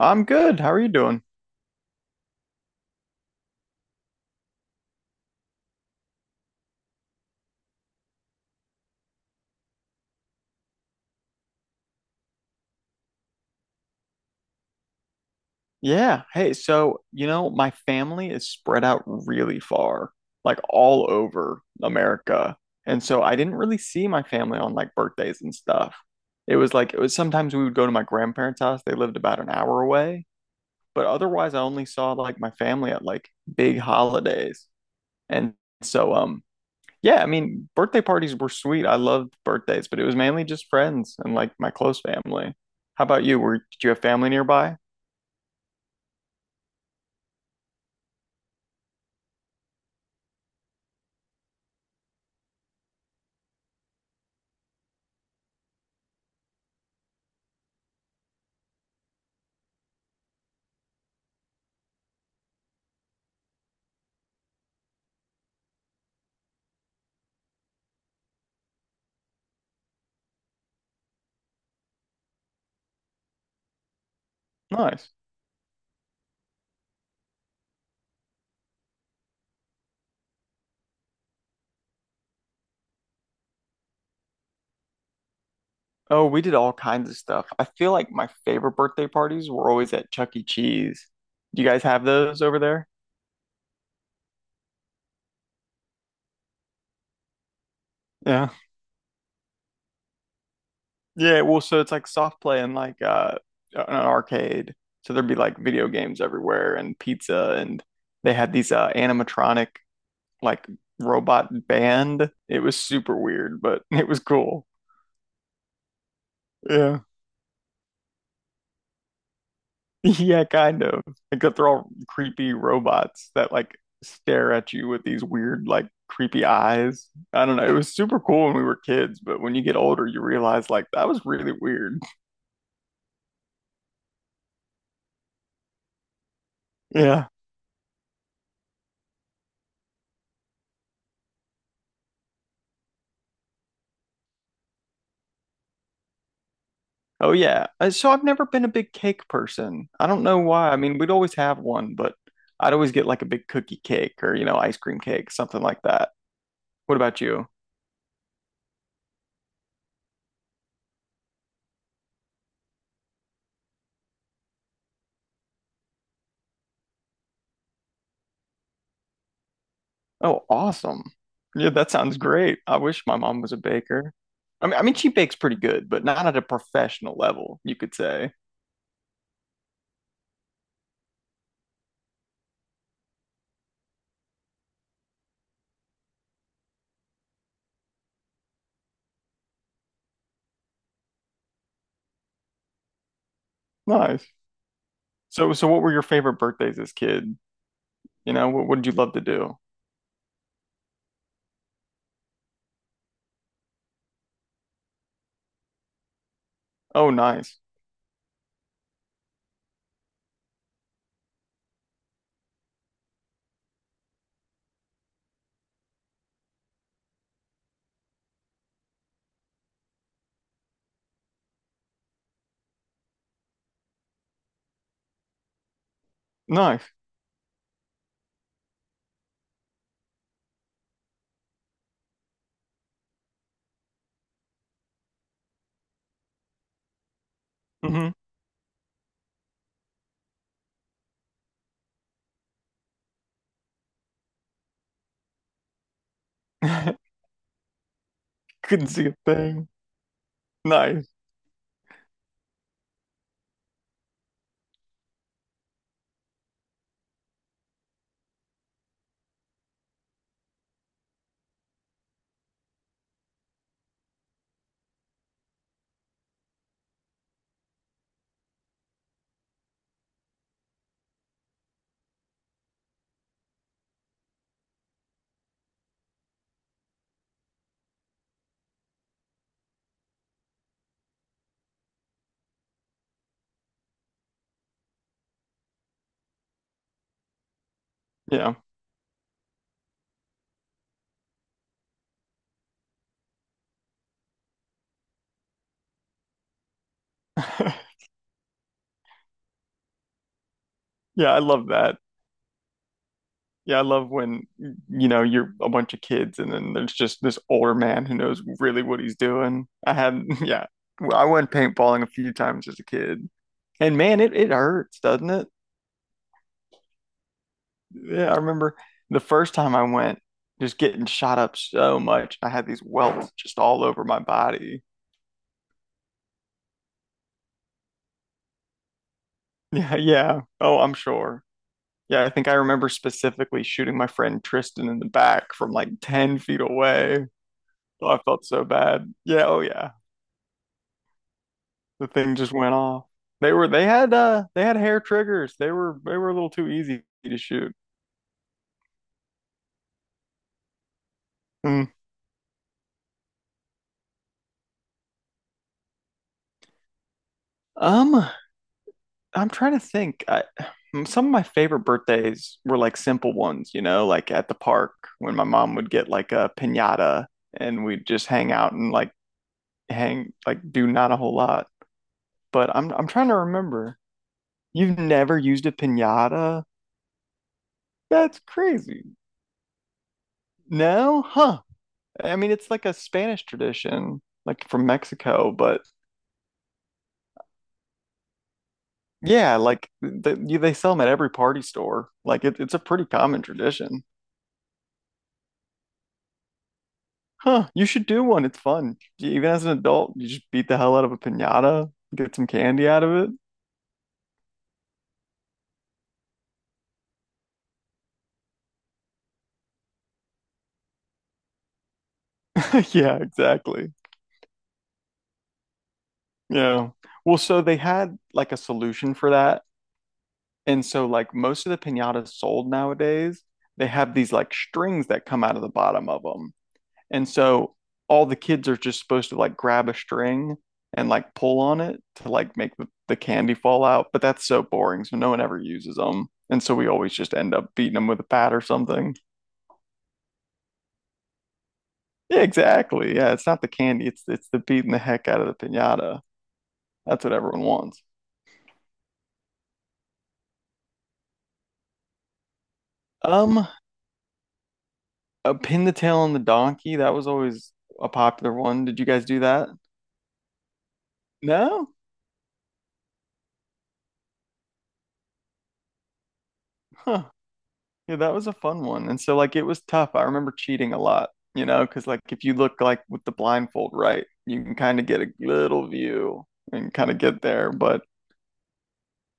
I'm good. How are you doing? Yeah. Hey, so, my family is spread out really far, like all over America. And so I didn't really see my family on like birthdays and stuff. It was like it was sometimes we would go to my grandparents' house. They lived about an hour away, but otherwise I only saw like my family at like big holidays. And so yeah, I mean, birthday parties were sweet. I loved birthdays, but it was mainly just friends and like my close family. How about you? Were did you have family nearby? Nice. Oh, we did all kinds of stuff. I feel like my favorite birthday parties were always at Chuck E. Cheese. Do you guys have those over there? Yeah. Yeah, well, so it's like soft play and like an arcade. So there'd be like video games everywhere and pizza and they had these animatronic like robot band. It was super weird, but it was cool. Yeah. Yeah, kind of. Except they're all creepy robots that like stare at you with these weird, like creepy eyes. I don't know. It was super cool when we were kids, but when you get older, you realize like that was really weird. Yeah. Oh yeah. So I've never been a big cake person. I don't know why. I mean, we'd always have one, but I'd always get like a big cookie cake or, you know, ice cream cake, something like that. What about you? Oh, awesome. Yeah, that sounds great. I wish my mom was a baker. I mean, she bakes pretty good, but not at a professional level, you could say. Nice. So, what were your favorite birthdays as kid? You know, what did you love to do? Oh, nice. Nice. hmm Couldn't see a thing. Nice. Yeah. Yeah, I love that. Yeah, I love when you know you're a bunch of kids and then there's just this older man who knows really what he's doing. I had yeah, well, I went paintballing a few times as a kid. And man, it hurts, doesn't it? Yeah, I remember the first time I went just getting shot up so much. I had these welts just all over my body. Yeah, yeah. Oh, I'm sure. Yeah, I think I remember specifically shooting my friend Tristan in the back from like 10 feet away. Oh, I felt so bad. Yeah, oh yeah. The thing just went off. They had they had hair triggers. They were a little too easy to shoot. Hmm. Um, I'm trying to think. I Some of my favorite birthdays were like simple ones, you know, like at the park when my mom would get like a piñata and we'd just hang out and like hang like do not a whole lot. But I'm trying to remember. You've never used a piñata? That's crazy. No? Huh. I mean, it's like a Spanish tradition, like from Mexico, but yeah, like they sell them at every party store. Like it's a pretty common tradition. Huh, you should do one. It's fun. Even as an adult, you just beat the hell out of a piñata, get some candy out of it. Yeah, exactly. Yeah. Well, so they had like a solution for that. And so like most of the piñatas sold nowadays, they have these like strings that come out of the bottom of them. And so all the kids are just supposed to like grab a string and like pull on it to like make the candy fall out. But that's so boring. So no one ever uses them. And so we always just end up beating them with a bat or something. Yeah, exactly. Yeah, it's not the candy, it's the beating the heck out of the piñata. That's what everyone wants. Um, pin the tail on the donkey, that was always a popular one. Did you guys do that? No? Huh. Yeah, that was a fun one. And so like it was tough. I remember cheating a lot, you know, because like if you look like with the blindfold right, you can kind of get a little view and kind of get there. But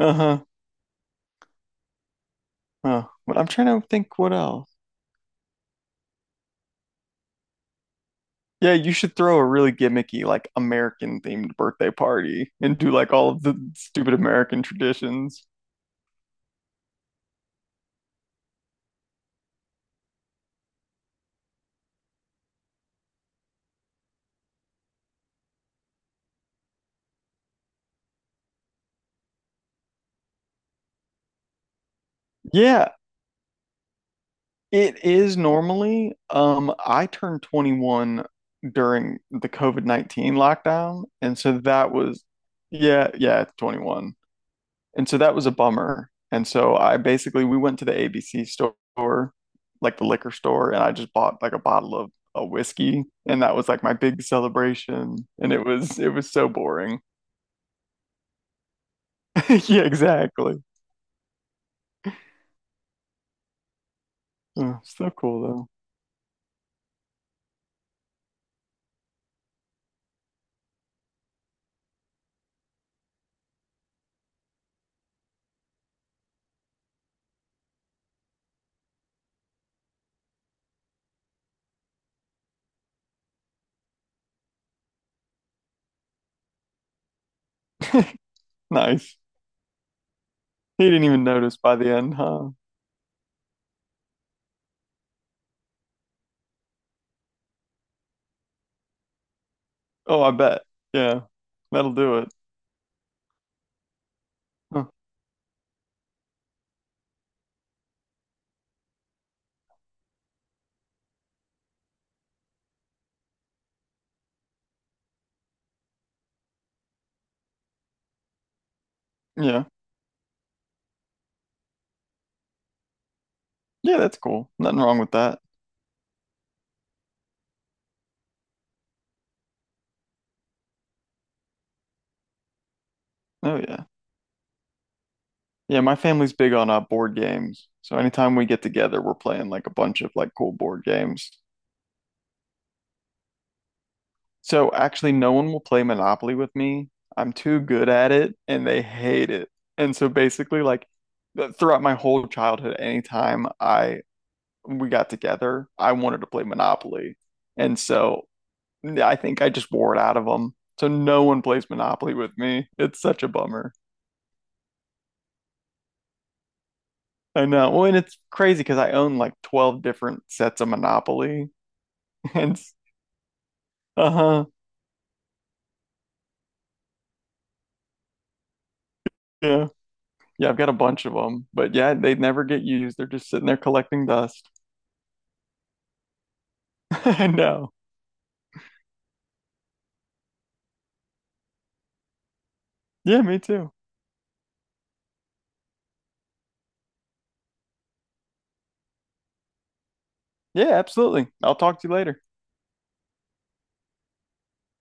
uh-huh. But I'm trying to think what else. Yeah, you should throw a really gimmicky, like American themed birthday party and do like all of the stupid American traditions. Yeah, it is normally. I turned 21 during the COVID-19 lockdown, and so that was, yeah, yeah, it's 21. And so that was a bummer. And so I basically we went to the ABC store, like the liquor store, and I just bought like a bottle of a whiskey, and that was like my big celebration. And it was so boring. Yeah, exactly. Oh, so cool though. Nice. He didn't even notice by the end, huh? Oh, I bet. Yeah. That'll do it. Huh. Yeah. Yeah, that's cool. Nothing wrong with that. Oh yeah. Yeah, my family's big on board games. So anytime we get together, we're playing like a bunch of like cool board games. So actually no one will play Monopoly with me. I'm too good at it and they hate it. And so basically like throughout my whole childhood, anytime I we got together, I wanted to play Monopoly. And so I think I just wore it out of them. So no one plays Monopoly with me. It's such a bummer. I know. Well, and it's crazy because I own like 12 different sets of Monopoly. And uh-huh. Yeah. Yeah, I've got a bunch of them. But yeah, they never get used. They're just sitting there collecting dust. I know. Yeah, me too. Yeah, absolutely. I'll talk to you later.